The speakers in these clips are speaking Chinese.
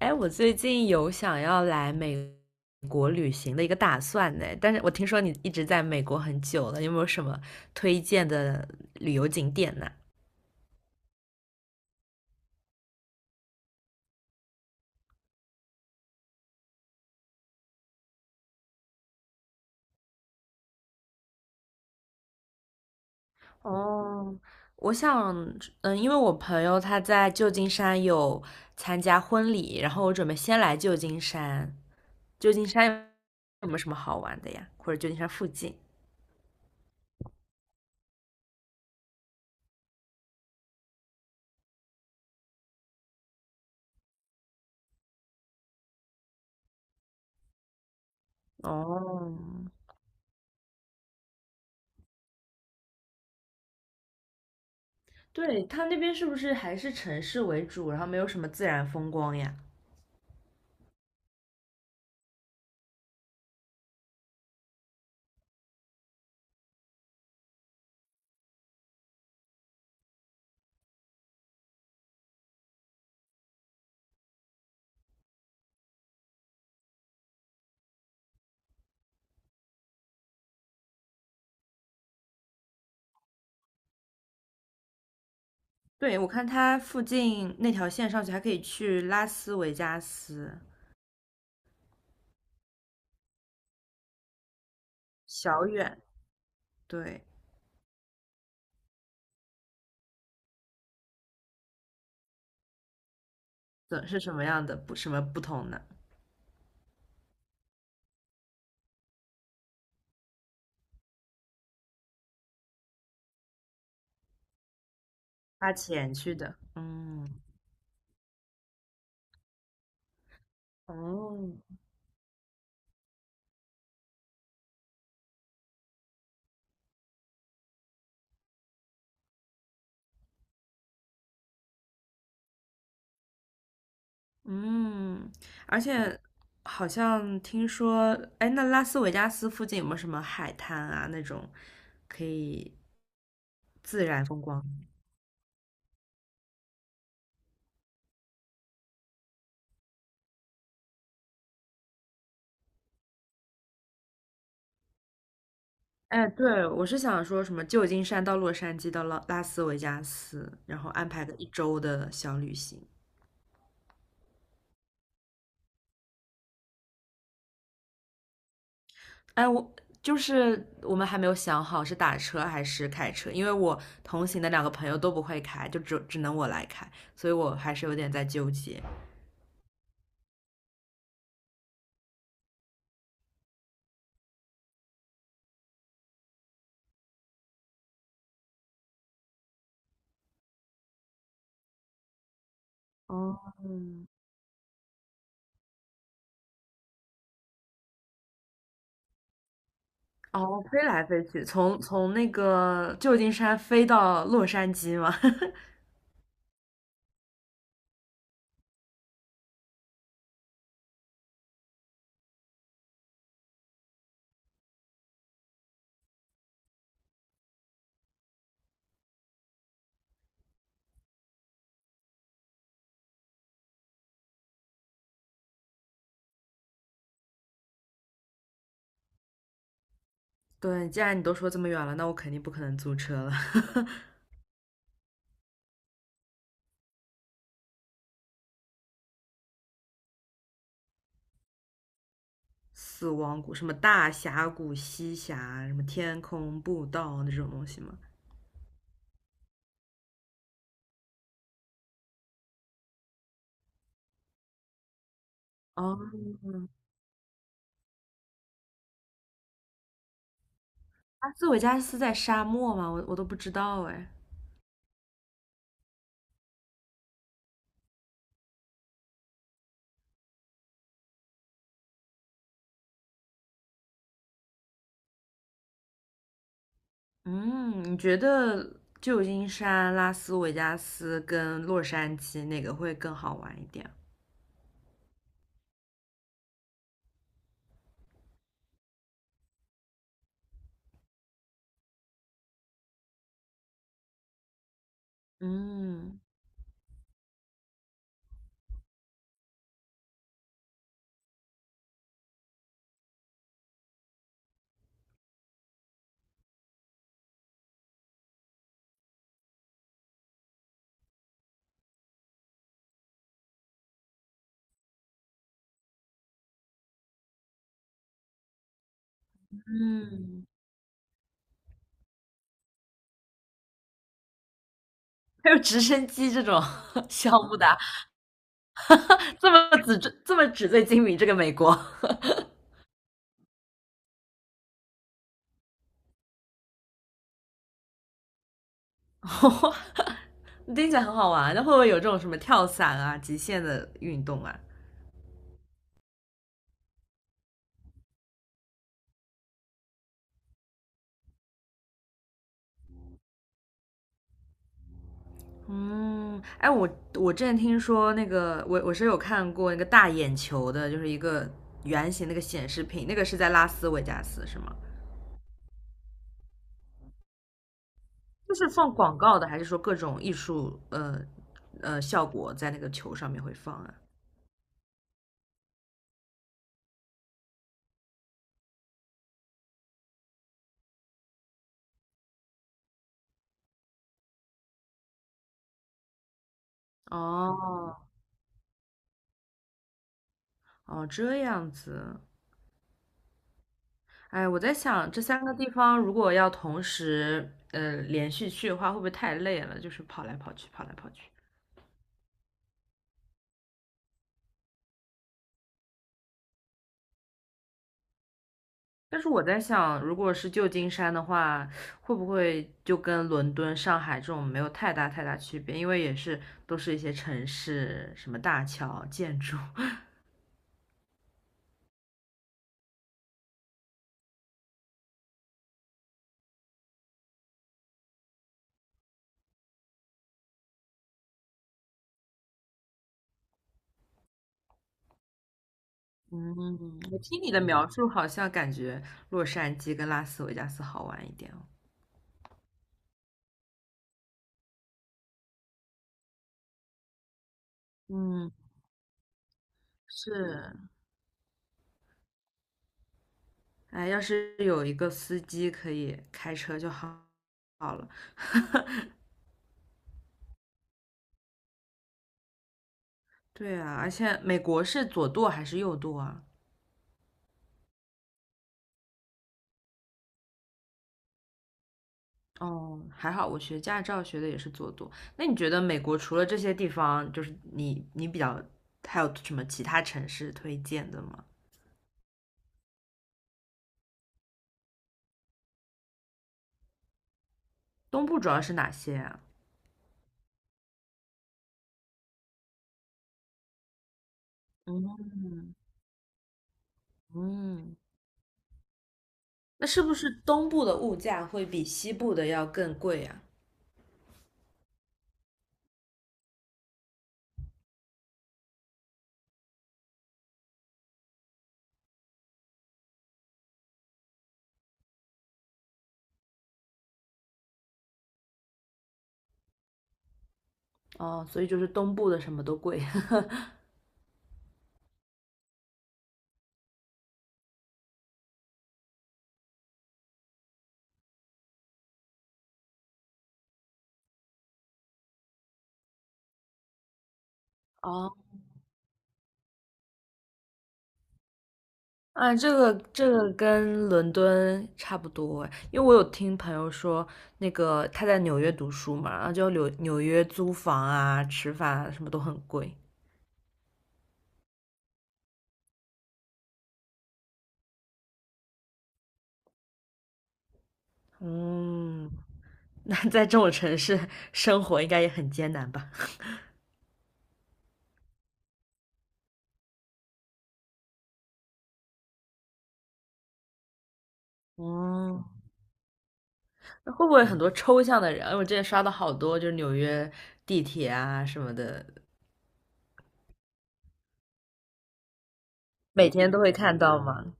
哎，我最近有想要来美国旅行的一个打算呢，但是我听说你一直在美国很久了，有没有什么推荐的旅游景点呢？哦，我想，因为我朋友他在旧金山有参加婚礼，然后我准备先来旧金山。旧金山有没有什么好玩的呀？或者旧金山附近？哦，对，他那边是不是还是城市为主，然后没有什么自然风光呀？对，我看它附近那条线上去还可以去拉斯维加斯，小远。对，怎是什么样的不什么不同呢？花钱去的。嗯哦，嗯，而且好像听说，哎，那拉斯维加斯附近有没有什么海滩啊那种可以自然风光？哎，对，我是想说什么旧金山到洛杉矶到拉拉斯维加斯，然后安排个一周的小旅行。哎，我就是我们还没有想好是打车还是开车，因为我同行的两个朋友都不会开，就只能我来开，所以我还是有点在纠结。哦，嗯哦，飞来飞去，从那个旧金山飞到洛杉矶吗？对，既然你都说这么远了，那我肯定不可能租车了。死亡谷，什么大峡谷、西峡，什么天空步道那种东西吗？吗？哦，斯斯维加斯在沙漠吗我都不知道哎。嗯，你觉得旧金山、拉斯维加斯跟洛杉矶哪个会更好玩一点？嗯嗯，还有直升机这种 项目的啊，这么纸醉金迷，这个美国，听起来很好玩。那会不会有这种什么跳伞啊、极限的运动啊？嗯，哎，我之前听说那个，我是有看过那个大眼球的，就是一个圆形那个显示屏，那个是在拉斯维加斯是吗？就是放广告的，还是说各种艺术效果在那个球上面会放啊？哦哦，这样子。哎，我在想这三个地方如果要同时连续去的话，会不会太累了？就是跑来跑去，跑来跑去。但是我在想，如果是旧金山的话，会不会就跟伦敦、上海这种没有太大区别？因为也是都是一些城市，什么大桥、建筑。嗯，我听你的描述，好像感觉洛杉矶跟拉斯维加斯好玩一点哦。嗯，是，哎，要是有一个司机可以开车就好了。对啊，而且美国是左舵还是右舵啊？哦，还好我学驾照学的也是左舵。那你觉得美国除了这些地方，就是你比较还有什么其他城市推荐的吗？东部主要是哪些啊？嗯嗯。那是不是东部的物价会比西部的要更贵呀？哦，所以就是东部的什么都贵。哦，啊，这个跟伦敦差不多诶，因为我有听朋友说，那个他在纽约读书嘛，然后就纽约租房啊、吃饭啊什么都很贵。嗯，那在这种城市生活应该也很艰难吧？嗯，那会不会很多抽象的人？因为我之前刷到好多，就是纽约地铁啊什么的，每天都会看到吗？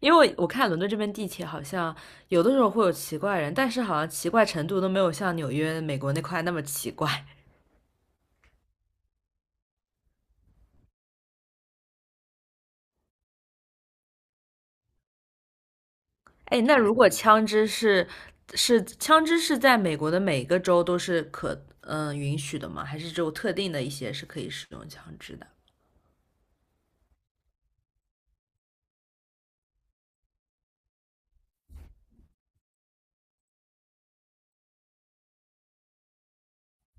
因为我看伦敦这边地铁好像有的时候会有奇怪人，但是好像奇怪程度都没有像纽约、美国那块那么奇怪。哎，那如果枪支是是枪支是在美国的每个州都是可允许的吗？还是只有特定的一些是可以使用枪支的？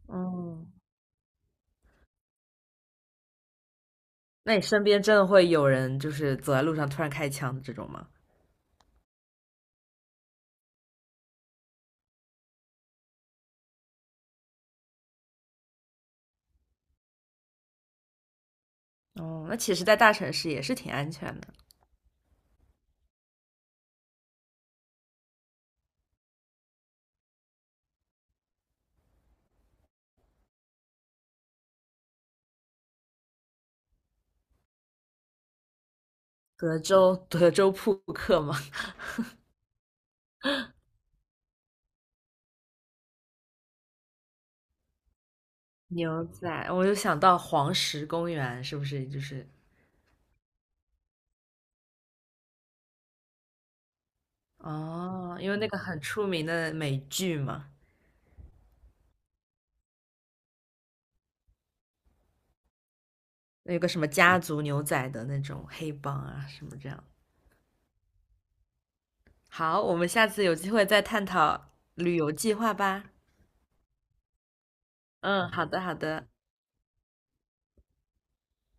嗯，那你身边真的会有人就是走在路上突然开枪的这种吗？哦，那其实，在大城市也是挺安全的。德州，德州扑克吗？牛仔，我就想到黄石公园，是不是就是哦？因为那个很出名的美剧嘛，有个什么家族牛仔的那种黑帮啊，什么这样。好，我们下次有机会再探讨旅游计划吧。嗯，好的，好的。